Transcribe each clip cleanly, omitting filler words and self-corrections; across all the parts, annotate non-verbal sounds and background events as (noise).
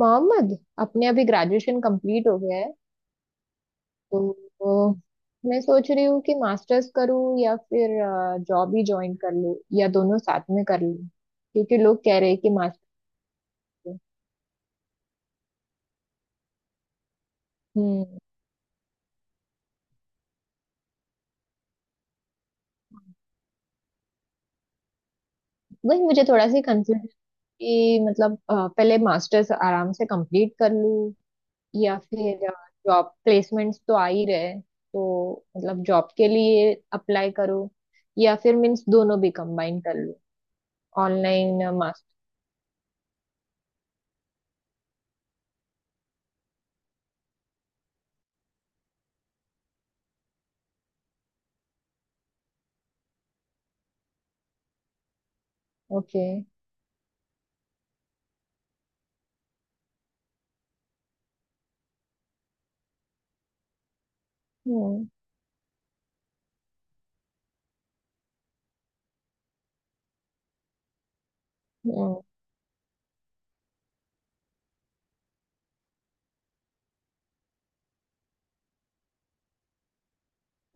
मोहम्मद। अपने अभी graduation complete हो गया है। तो मैं सोच रही हूँ कि मास्टर्स करूँ या फिर जॉब ही ज्वाइन कर लूँ या दोनों साथ में कर लूँ, क्योंकि लोग कह रहे हैं कि मास्टर। हम्म। वही मुझे थोड़ा सी कंफ्यूजन कि मतलब पहले मास्टर्स आराम से कंप्लीट कर लूँ, या फिर जॉब प्लेसमेंट्स तो आ ही रहे, तो मतलब जॉब के लिए अप्लाई करूँ, या फिर मीन्स दोनों भी कंबाइन कर लूँ online master. Okay. Hmm. Hmm.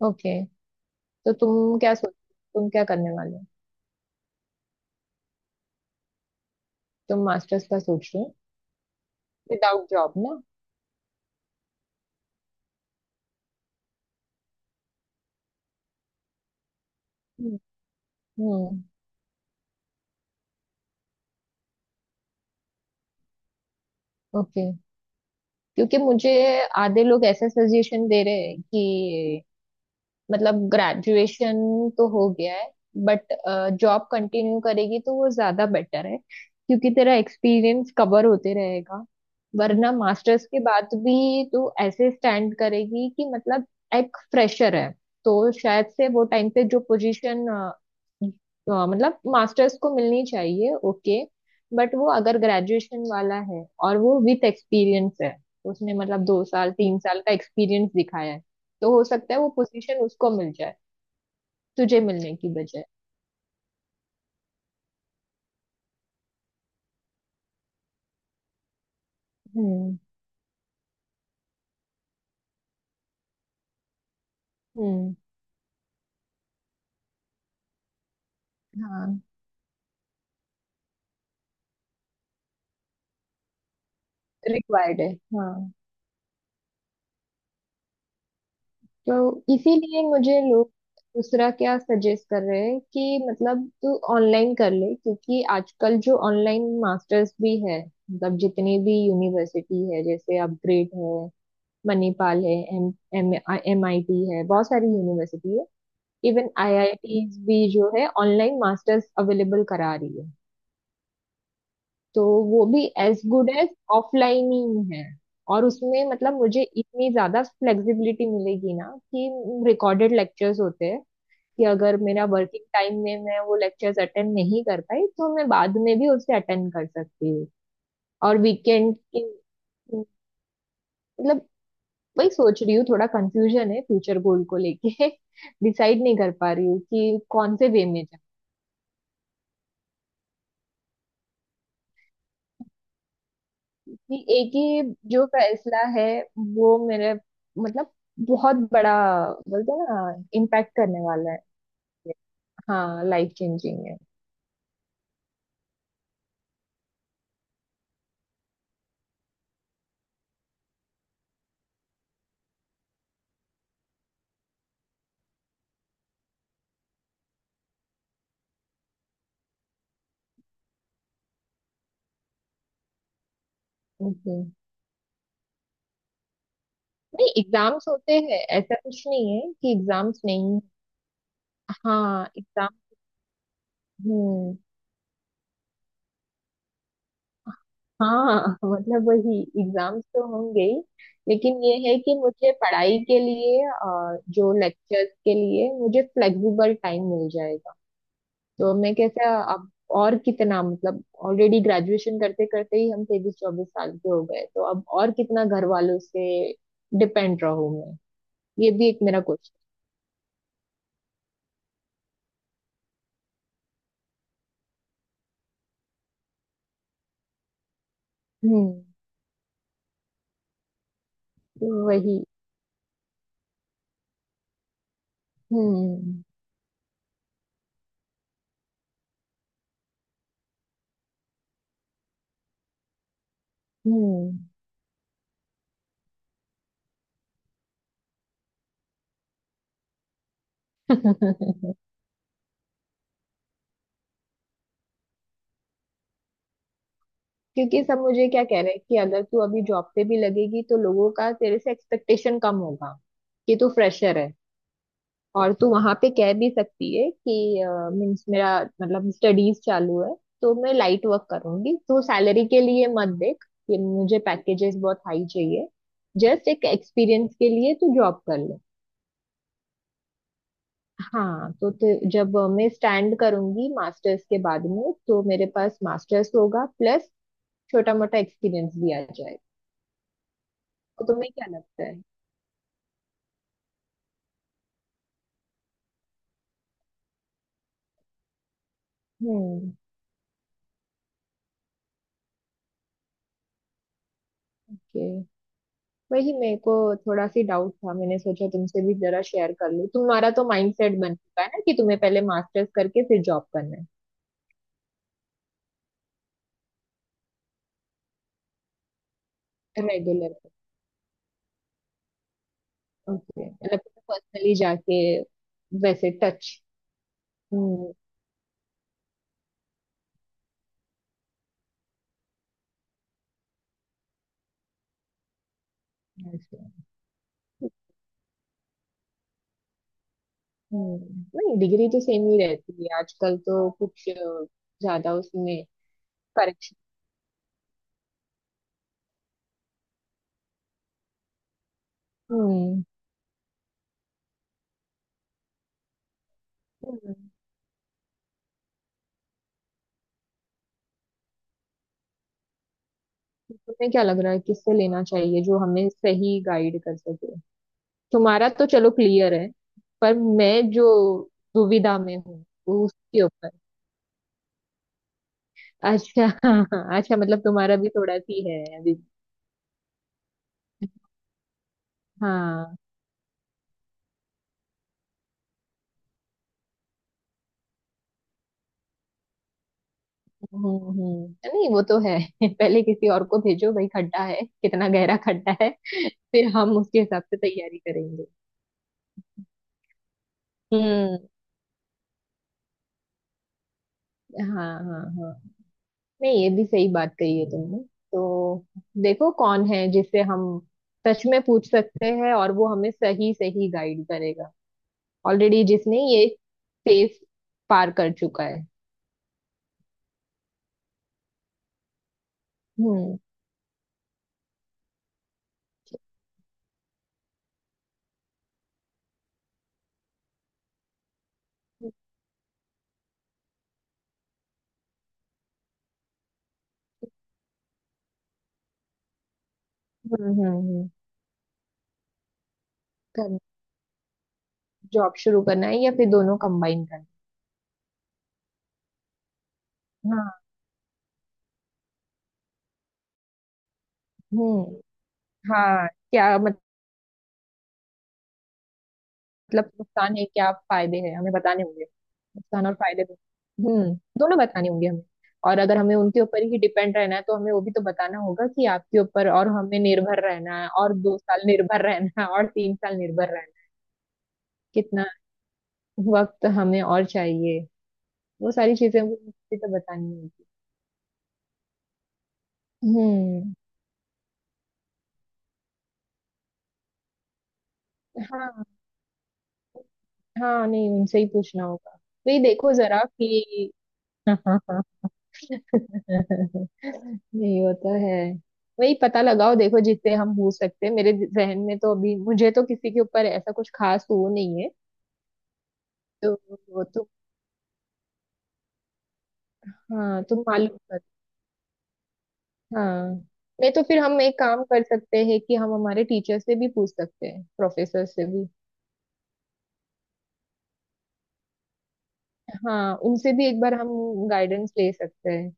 Okay. तो तुम क्या करने वाले हो? तुम मास्टर्स का सोच रहे हो विदाउट जॉब, ना? हम्म। ओके। क्योंकि मुझे आधे लोग ऐसा सजेशन दे रहे हैं कि मतलब ग्रेजुएशन तो हो गया है, बट जॉब कंटिन्यू करेगी तो वो ज्यादा बेटर है, क्योंकि तेरा एक्सपीरियंस कवर होते रहेगा। वरना मास्टर्स के बाद भी तू ऐसे स्टैंड करेगी कि मतलब एक फ्रेशर है, तो शायद से वो टाइम पे जो पोजीशन मतलब मास्टर्स को मिलनी चाहिए, ओके, बट वो अगर ग्रेजुएशन वाला है और वो विथ एक्सपीरियंस है, उसने मतलब 2-3 साल का एक्सपीरियंस दिखाया है, तो हो सकता है वो पोजीशन उसको मिल जाए, तुझे मिलने की बजाय। हम्म। हम्म। हाँ, रिक्वायर्ड है। हाँ। तो इसीलिए मुझे लोग दूसरा क्या सजेस्ट कर रहे हैं कि मतलब तू ऑनलाइन कर ले, क्योंकि आजकल जो ऑनलाइन मास्टर्स भी है, मतलब जितनी भी यूनिवर्सिटी है, जैसे अपग्रेड है, मणिपाल है, एम एम MIT है, बहुत सारी यूनिवर्सिटी है। इवन IITs भी जो है, ऑनलाइन मास्टर्स अवेलेबल करा रही है। तो वो भी एज गुड एज ऑफलाइन ही है, और उसमें मतलब मुझे इतनी ज्यादा फ्लेक्सिबिलिटी मिलेगी ना, कि रिकॉर्डेड लेक्चर्स होते हैं, कि अगर मेरा वर्किंग टाइम में मैं वो लेक्चर्स अटेंड नहीं कर पाई तो मैं बाद में भी उसे अटेंड कर सकती हूँ। और वीकेंड की मतलब वही सोच रही हूँ, थोड़ा कंफ्यूजन है फ्यूचर गोल को लेके (laughs) डिसाइड नहीं कर पा रही हूँ कि कौन से वे में। ये एक ही जो फैसला है, वो मेरे मतलब बहुत बड़ा, बोलते हैं ना इम्पैक्ट करने वाला है। हाँ, लाइफ चेंजिंग है। ओके। नहीं, एग्जाम्स होते हैं, ऐसा कुछ नहीं है कि एग्जाम्स नहीं। हाँ, एग्जाम। हम्म। हाँ (laughs) मतलब वही एग्जाम्स तो होंगे ही। लेकिन ये है कि मुझे पढ़ाई के लिए जो लेक्चर्स के लिए मुझे फ्लेक्सिबल टाइम मिल जाएगा। तो मैं कैसे अब और कितना मतलब ऑलरेडी ग्रेजुएशन करते करते ही हम 23-24 साल के हो गए, तो अब और कितना घर वालों से डिपेंड रहूं मैं? ये भी एक मेरा क्वेश्चन। हम्म। तो वही। हम्म। हम्म। (laughs) क्योंकि सब मुझे क्या कह रहे हैं कि अगर तू अभी जॉब पे भी लगेगी तो लोगों का तेरे से एक्सपेक्टेशन कम होगा, कि तू फ्रेशर है, और तू वहां पे कह भी सकती है कि मीन्स मेरा मतलब स्टडीज चालू है, तो मैं लाइट वर्क करूंगी, तू सैलरी के लिए मत देख कि मुझे पैकेजेस बहुत हाई चाहिए, जस्ट एक एक्सपीरियंस के लिए तू जॉब कर ले। हाँ, तो जब मैं स्टैंड करूंगी मास्टर्स के बाद में, तो मेरे पास मास्टर्स होगा प्लस छोटा मोटा एक्सपीरियंस भी आ जाएगा। तो तुम्हें क्या लगता है? हम्म। Okay. वही मेरे को थोड़ा सी डाउट था, मैंने सोचा तुमसे भी जरा शेयर कर लूं। तुम्हारा तो माइंडसेट बन चुका है ना कि तुम्हें पहले मास्टर्स करके फिर जॉब करना है रेगुलर। ओके मतलब पर्सनली जाके वैसे टच। हम्म। ऐसे। हम्म, नहीं डिग्री तो सेम ही रहती है, आजकल तो कुछ ज्यादा उसमें करेक्शन। हम्म। हम्म। तुम्हें क्या लग रहा है किससे लेना चाहिए, जो हमें सही गाइड कर सके? तुम्हारा तो चलो क्लियर है, पर मैं जो दुविधा में हूँ वो उसके ऊपर। अच्छा, हाँ हाँ, अच्छा मतलब तुम्हारा भी थोड़ा सी है अभी। हाँ। हम्म। हम्म, नहीं वो तो है, (laughs) पहले किसी और को भेजो भाई, खड्डा है कितना गहरा खड्डा है, फिर हम उसके हिसाब से तैयारी करेंगे। हम्म। हाँ हाँ हाँ, नहीं ये भी सही बात कही है तुमने। तो देखो कौन है जिसे हम सच में पूछ सकते हैं और वो हमें सही सही गाइड करेगा, ऑलरेडी जिसने ये फेस पार कर चुका है। हम्म। हम्म। हम्म। कर जॉब शुरू करना है या फिर दोनों कंबाइन करना है? हाँ। हम्म। हाँ, क्या? मतलब नुकसान है क्या, फायदे हैं हमें बताने होंगे, नुकसान और फायदे दोनों। हम्म, दोनों बताने होंगे हमें। और अगर हमें उनके ऊपर ही डिपेंड रहना है, तो हमें वो भी तो बताना होगा कि आपके ऊपर और हमें निर्भर रहना है, और 2 साल निर्भर रहना है और 3 साल निर्भर रहना है, कितना वक्त हमें और चाहिए, वो सारी चीजें हमें तो बतानी होगी। हम्म। हाँ हाँ, नहीं उनसे ही पूछना होगा। वही देखो जरा कि (laughs) हाँ हाँ हाँ। नहीं वो तो है, वही पता लगाओ देखो जितने हम पूछ सकते हैं, मेरे जहन में तो अभी मुझे तो किसी के ऊपर ऐसा कुछ खास वो नहीं है। तो वो तो हाँ, तुम मालूम कर। हाँ। नहीं तो फिर हम एक काम कर सकते हैं कि हम हमारे टीचर से भी पूछ सकते हैं, प्रोफेसर से भी। हाँ, उनसे भी एक बार हम गाइडेंस ले सकते हैं,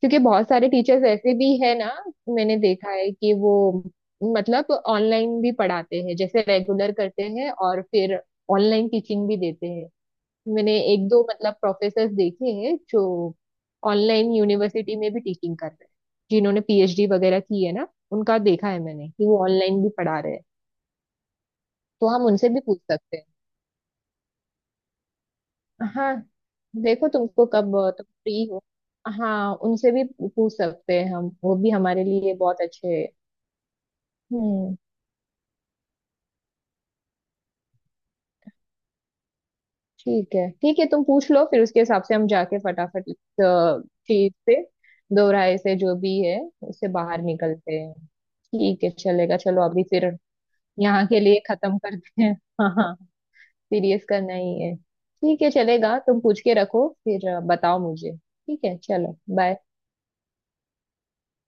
क्योंकि बहुत सारे टीचर्स ऐसे भी है ना, मैंने देखा है कि वो मतलब ऑनलाइन भी पढ़ाते हैं, जैसे रेगुलर करते हैं और फिर ऑनलाइन टीचिंग भी देते हैं। मैंने एक दो मतलब प्रोफेसर देखे हैं जो ऑनलाइन यूनिवर्सिटी में भी टीचिंग कर रहे हैं, जिन्होंने PhD वगैरह की है ना, उनका देखा है मैंने कि वो ऑनलाइन भी पढ़ा रहे हैं। तो हम उनसे भी पूछ सकते हैं। हाँ, देखो तुमको कब, तुम फ्री हो? हाँ उनसे भी पूछ सकते हैं हम, वो भी हमारे लिए बहुत अच्छे हैं। हम्म। ठीक है ठीक है, तुम पूछ लो, फिर उसके हिसाब से हम जाके फटाफट इस अ, चीज से, दो राय से जो भी है, उससे बाहर निकलते हैं। ठीक है चलेगा, चलो अभी फिर यहाँ के लिए खत्म करते हैं। हाँ हाँ, सीरियस करना ही है, ठीक है चलेगा, तुम पूछ के रखो फिर बताओ मुझे। ठीक है चलो बाय।